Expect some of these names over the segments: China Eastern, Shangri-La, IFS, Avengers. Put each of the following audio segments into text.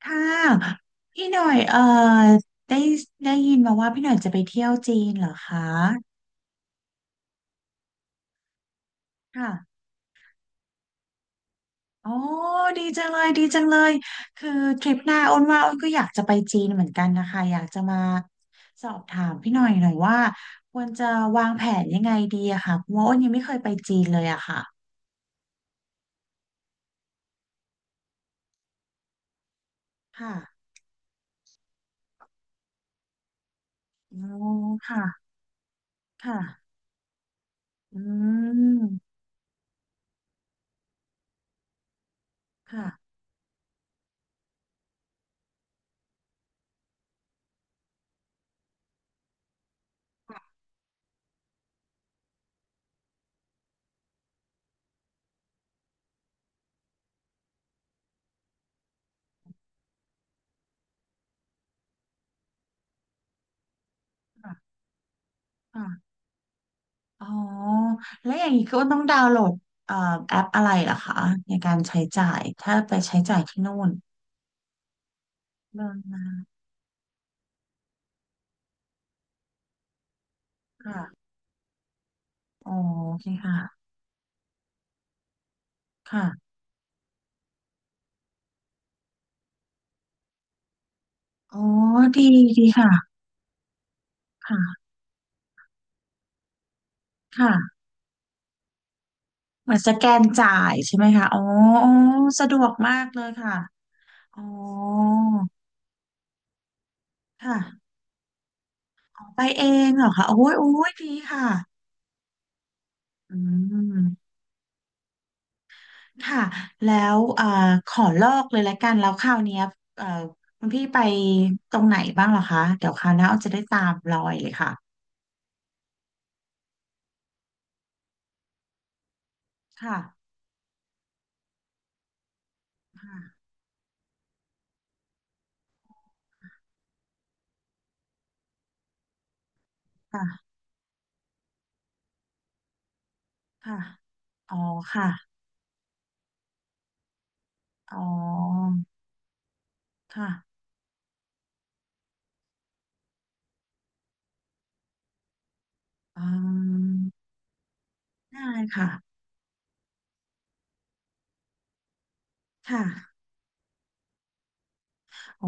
ค่ะพี่หน่อยได้ได้ยินมาว่าพี่หน่อยจะไปเที่ยวจีนเหรอคะค่ะอ๋อดีจังเลยดีจังเลยคือทริปหน้าอ้นว่าอ้นก็อยากจะไปจีนเหมือนกันนะคะอยากจะมาสอบถามพี่หน่อยหน่อยว่าควรจะวางแผนยังไงดีอะค่ะเพราะว่าอ้นยังไม่เคยไปจีนเลยอะค่ะค่ะอ๋อค่ะค่ะอืมค่ะค่ะ อ๋อแล้วอย่างนี้ก็ต้องดาวน์โหลดเอ่อแอปอะไรเหรอคะในการใช้จ่ายถ้าไปใช้จ่ายที่นู่นเดินมาค่ะอ๋อโอเคค่ะค่ะอ๋อดีดีค่ะค่ะค่ะเหมือนสแกนจ่ายใช่ไหมคะอ๋ออ๋อสะดวกมากเลยค่ะอ๋อค่ะไปเองเหรอคะโอ้ยโอ้ยดีค่ะอืม ค่ะแล้วขอลอกเลยละกันแล้วคราวเนี้ยเอ่อคุณพี่ไปตรงไหนบ้างเหรอคะเดี๋ยวคราวหน้าอ้อจะได้ตามรอยเลยค่ะค่ะค่ะค่ะค่ะอ๋อค่ะอ๋อค่ะอืมได้ค่ะค่ะโอ้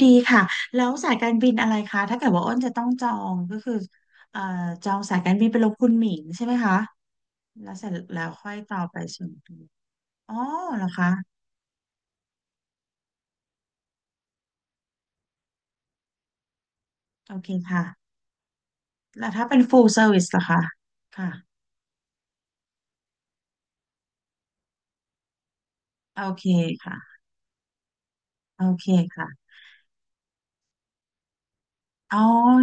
ดีค่ะแล้วสายการบินอะไรคะถ้าเกิดว่าอ้นจะต้องจองก็คือเอ่อจองสายการบินไปลงคุณหมิงใช่ไหมคะแล้วเสร็จแล้วค่อยต่อไปส่วนตัวอ๋อเหรอคะโอเคค่ะ แล้วถ้าเป็น full service ล่ะคะ ค่ะ โอเคค่ะ โอเคค่ะอ๋อ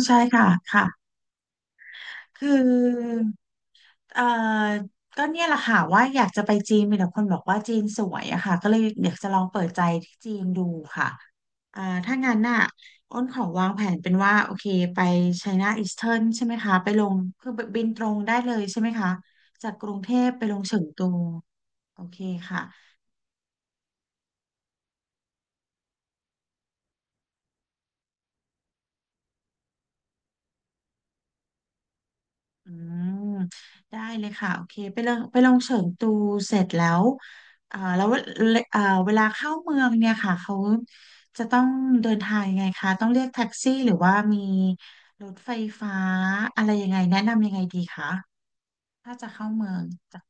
ใช่ค่ะค่ะคือ เอ่อก็เนี่ยแหละค่ะว่าอยากจะไปจีนมีแต่คนบอกว่าจีนสวยอะค่ะก็เลยอยากจะลองเปิดใจที่จีนดูค่ะอ่าถ้างั้นน่ะอ้นขอวางแผนเป็นว่าโอเคไป China Eastern ใช่ไหมคะไปลง คือบินตรงได้เลยใช่ไหมคะ จากกรุงเทพไปลงเฉิงตูโอเคค่ะ อืมได้เลยค่ะโอเคไปลองไปลองเฉิงตูเสร็จแล้วอ่าแล้วเอ่อเวลาเข้าเมืองเนี่ยค่ะเขาจะต้องเดินทางยังไงคะต้องเรียกแท็กซี่หรือว่ามีรถไฟฟ้าอะไรยังไงแนะนำยังไงดีคะถ้าจะเข้าเมืองจาก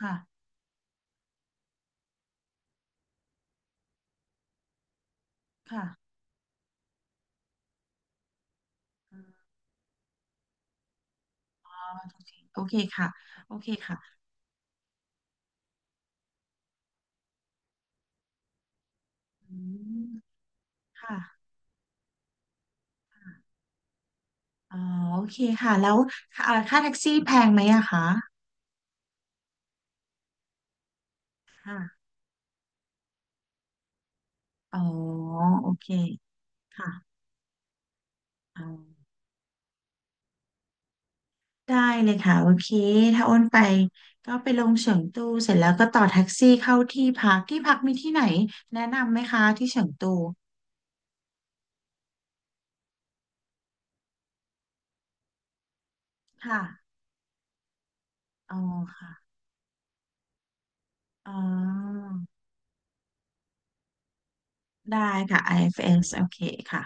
ค่ะค่ะอ๋อโอเคค่ะโอเคค่ะอืมค่ะอ๋อโอเคค่ะแล้วค่าค่าแท็กซี่แพงไหมอะคะค่ะอ๋อโอเคค่ะ อ๋อได้เลยค่ะโอเคถ้าอ้นไปก็ไปลงเฉิงตูเสร็จแล้วก็ต่อแท็กซี่เข้าที่พักที่พักมีที่ไหนแนะนำไหมคะที่เฉิงตูค่ะอ๋อค่ะอ๋อได้ค่ะ IFS โอเคค่ะ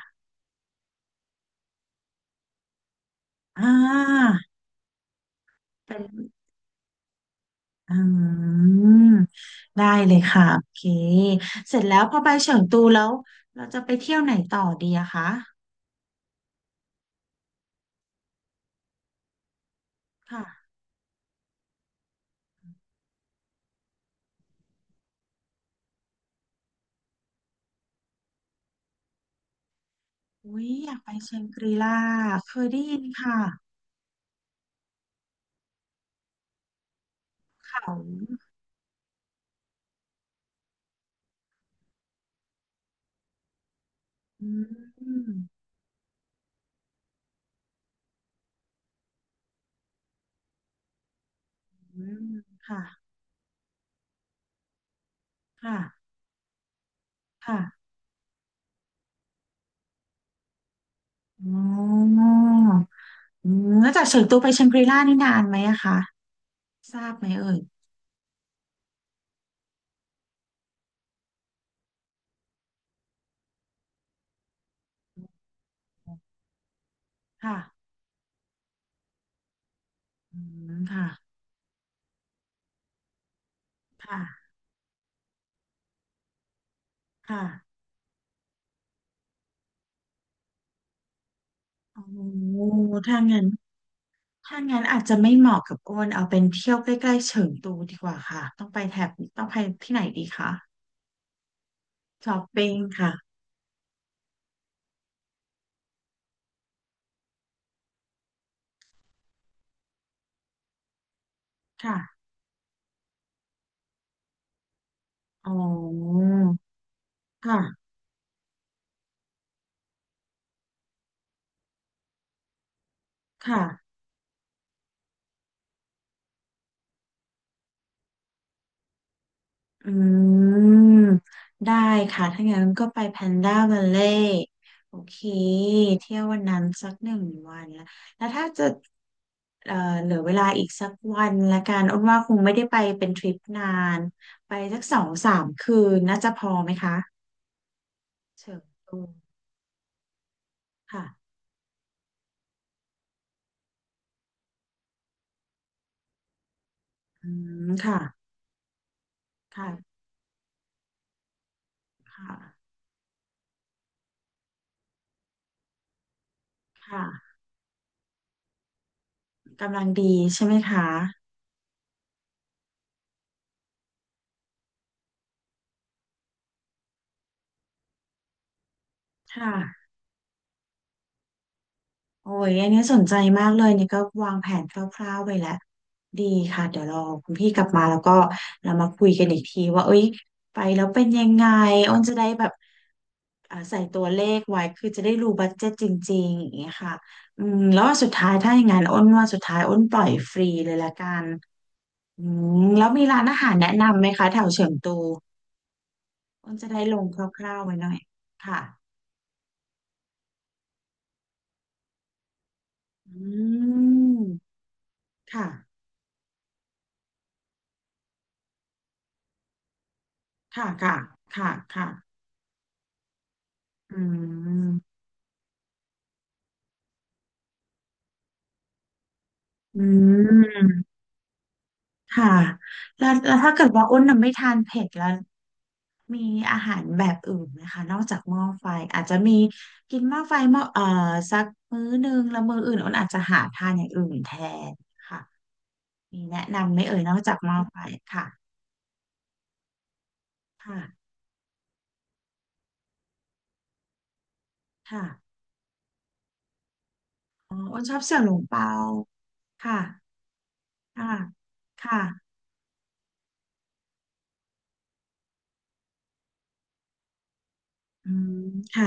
อ่าเป็นอืมได้เลยค่ะโอเคเสร็จแล้วพอไปเฉิงตูแล้วเราจะไปเที่ยวไหนต่อดีอะคะค่ะอุ้ยอยากไปเชงกรีล่าเคยได้ยินค่ะเขา อืมอืมค่ะค่ะค่ะอ๋ออืมแล้วจากเฉิงตูไปแชงกรีล่านี่นานไหมอะคะทราบไหมเอ่ยค่ะอืมค่ะค่ะค่ะโอ้ถ้างั้นถ้างั้นอาจจะไม่เหมาะกับอ้นเอาเป็นเที่ยวใกล้ๆเฉิงตูดีกว่าค่ะต้องไปแถบต้องไปที่ไหนดีคะช้อปปิ้งค่ะค่ะอ๋อค่ะค่ะ อืมได้ค่ะ ถ้างั้นก็ไปแพนด้า a ัลเล่โอเคเที่ยววันนั้นสักหนึ่งวันแล้ว แล้วถ้าจะเอ่อเหลือเวลาอีกสักวันละกันอ้นว่าคงไม่ได้ไปเป็นทริปนานไปสักสองสามคืนน่าจะพอไหมคะเชิญตูค่ะอืมค่ะค่ะค่ะค่ะกำลังดีใช่ไหมคะค่ะ โอ้ยอันนี้สนใจมากเลยนี่ก็วางแผนคร่าวๆไปแล้วดีค่ะเดี๋ยวรอคุณพี่กลับมาแล้วก็เรามาคุยกันอีกทีว่าเอ้ยไปแล้วเป็นยังไงอ้นจะได้แบบอ่าใส่ตัวเลขไว้คือจะได้รู้บัดเจ็ตจริงๆอย่างเงี้ยค่ะอืมแล้วว่าสุดท้ายถ้าอย่างนั้นอ้นว่าสุดท้ายอ้นปล่อยฟรีเลยละกันอืมแล้วมีร้านอาหารแนะนำไหมคะแถวเฉิงตูอ้นจะได้ลงคร่าวๆไว้หน่อยค่ะอืมค่ะค่ะค่ะค่ะค่ะ อืมอืมค่ะแล้วแล้วถ้าเกิดว่าอ้นน่ะไม่ทานเผ็ดแล้ว มีอาหารแบบอื่นไหมคะนอกจากหม้อไฟอาจจะมีกินหม้อไฟหม้อสักมื้อหนึ่งแล้วมื้ออื่นอ้นอาจจะหาทานอย่างอื่นแทนค่ะมีแนะนำไหมเอ่ยนอกจากหม้อไฟค่ะค่ะค่ะอ๋ออ้นชอบเสี่ยวหลงเปาค่ะค่ะค่ะอืมค่ะ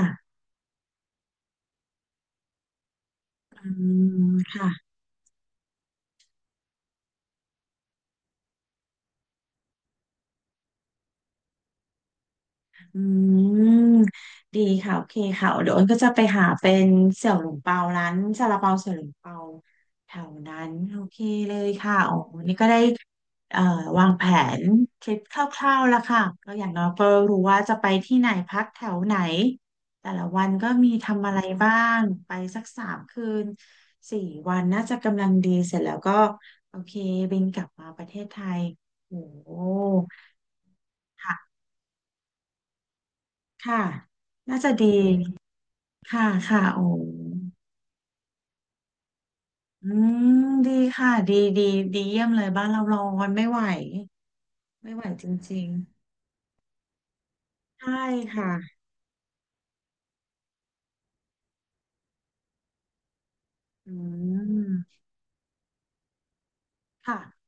อืมค่ะ อืมดีค่ะโอเคค่ะเดี๋ยวอ้นก็จะไปหาเป็นเสี่ยวหลงเปาร้านซาลาเปาเสี่ยวหลงเปาแถวนั้นโอเคเลยค่ะอ๋อวันนี่ก็ได้เอ่อวางแผนทริปคร่าวๆแล้วค่ะก็อย่างน้อยก็รู้ว่าจะไปที่ไหนพักแถวไหนแต่ละวันก็มีทำอะไรบ้างไปสักสามคืนสี่วันน่าจะกำลังดีเสร็จแล้วก็โอเคบินกลับมาประเทศไทยโอ้โห ค่ะน่าจะดีค่ะค่ะโอ้อืมดีค่ะดีดีดีเยี่ยมเลยบ้านเราร้อนไม่ไหวไม่ไหวจริงๆใช่ค่ะอืมค่ะ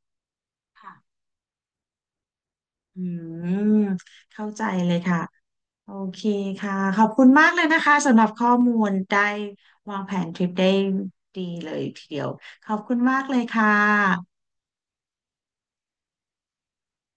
ค่ะอืมเข้าใจเลยค่ะโอเคค่ะขอบคุณมากเลยนะคะสำหรับข้อมูลได้วางแผนทริปได้ดีเลยทีเดียวขอบคุณมากเลยค่ะ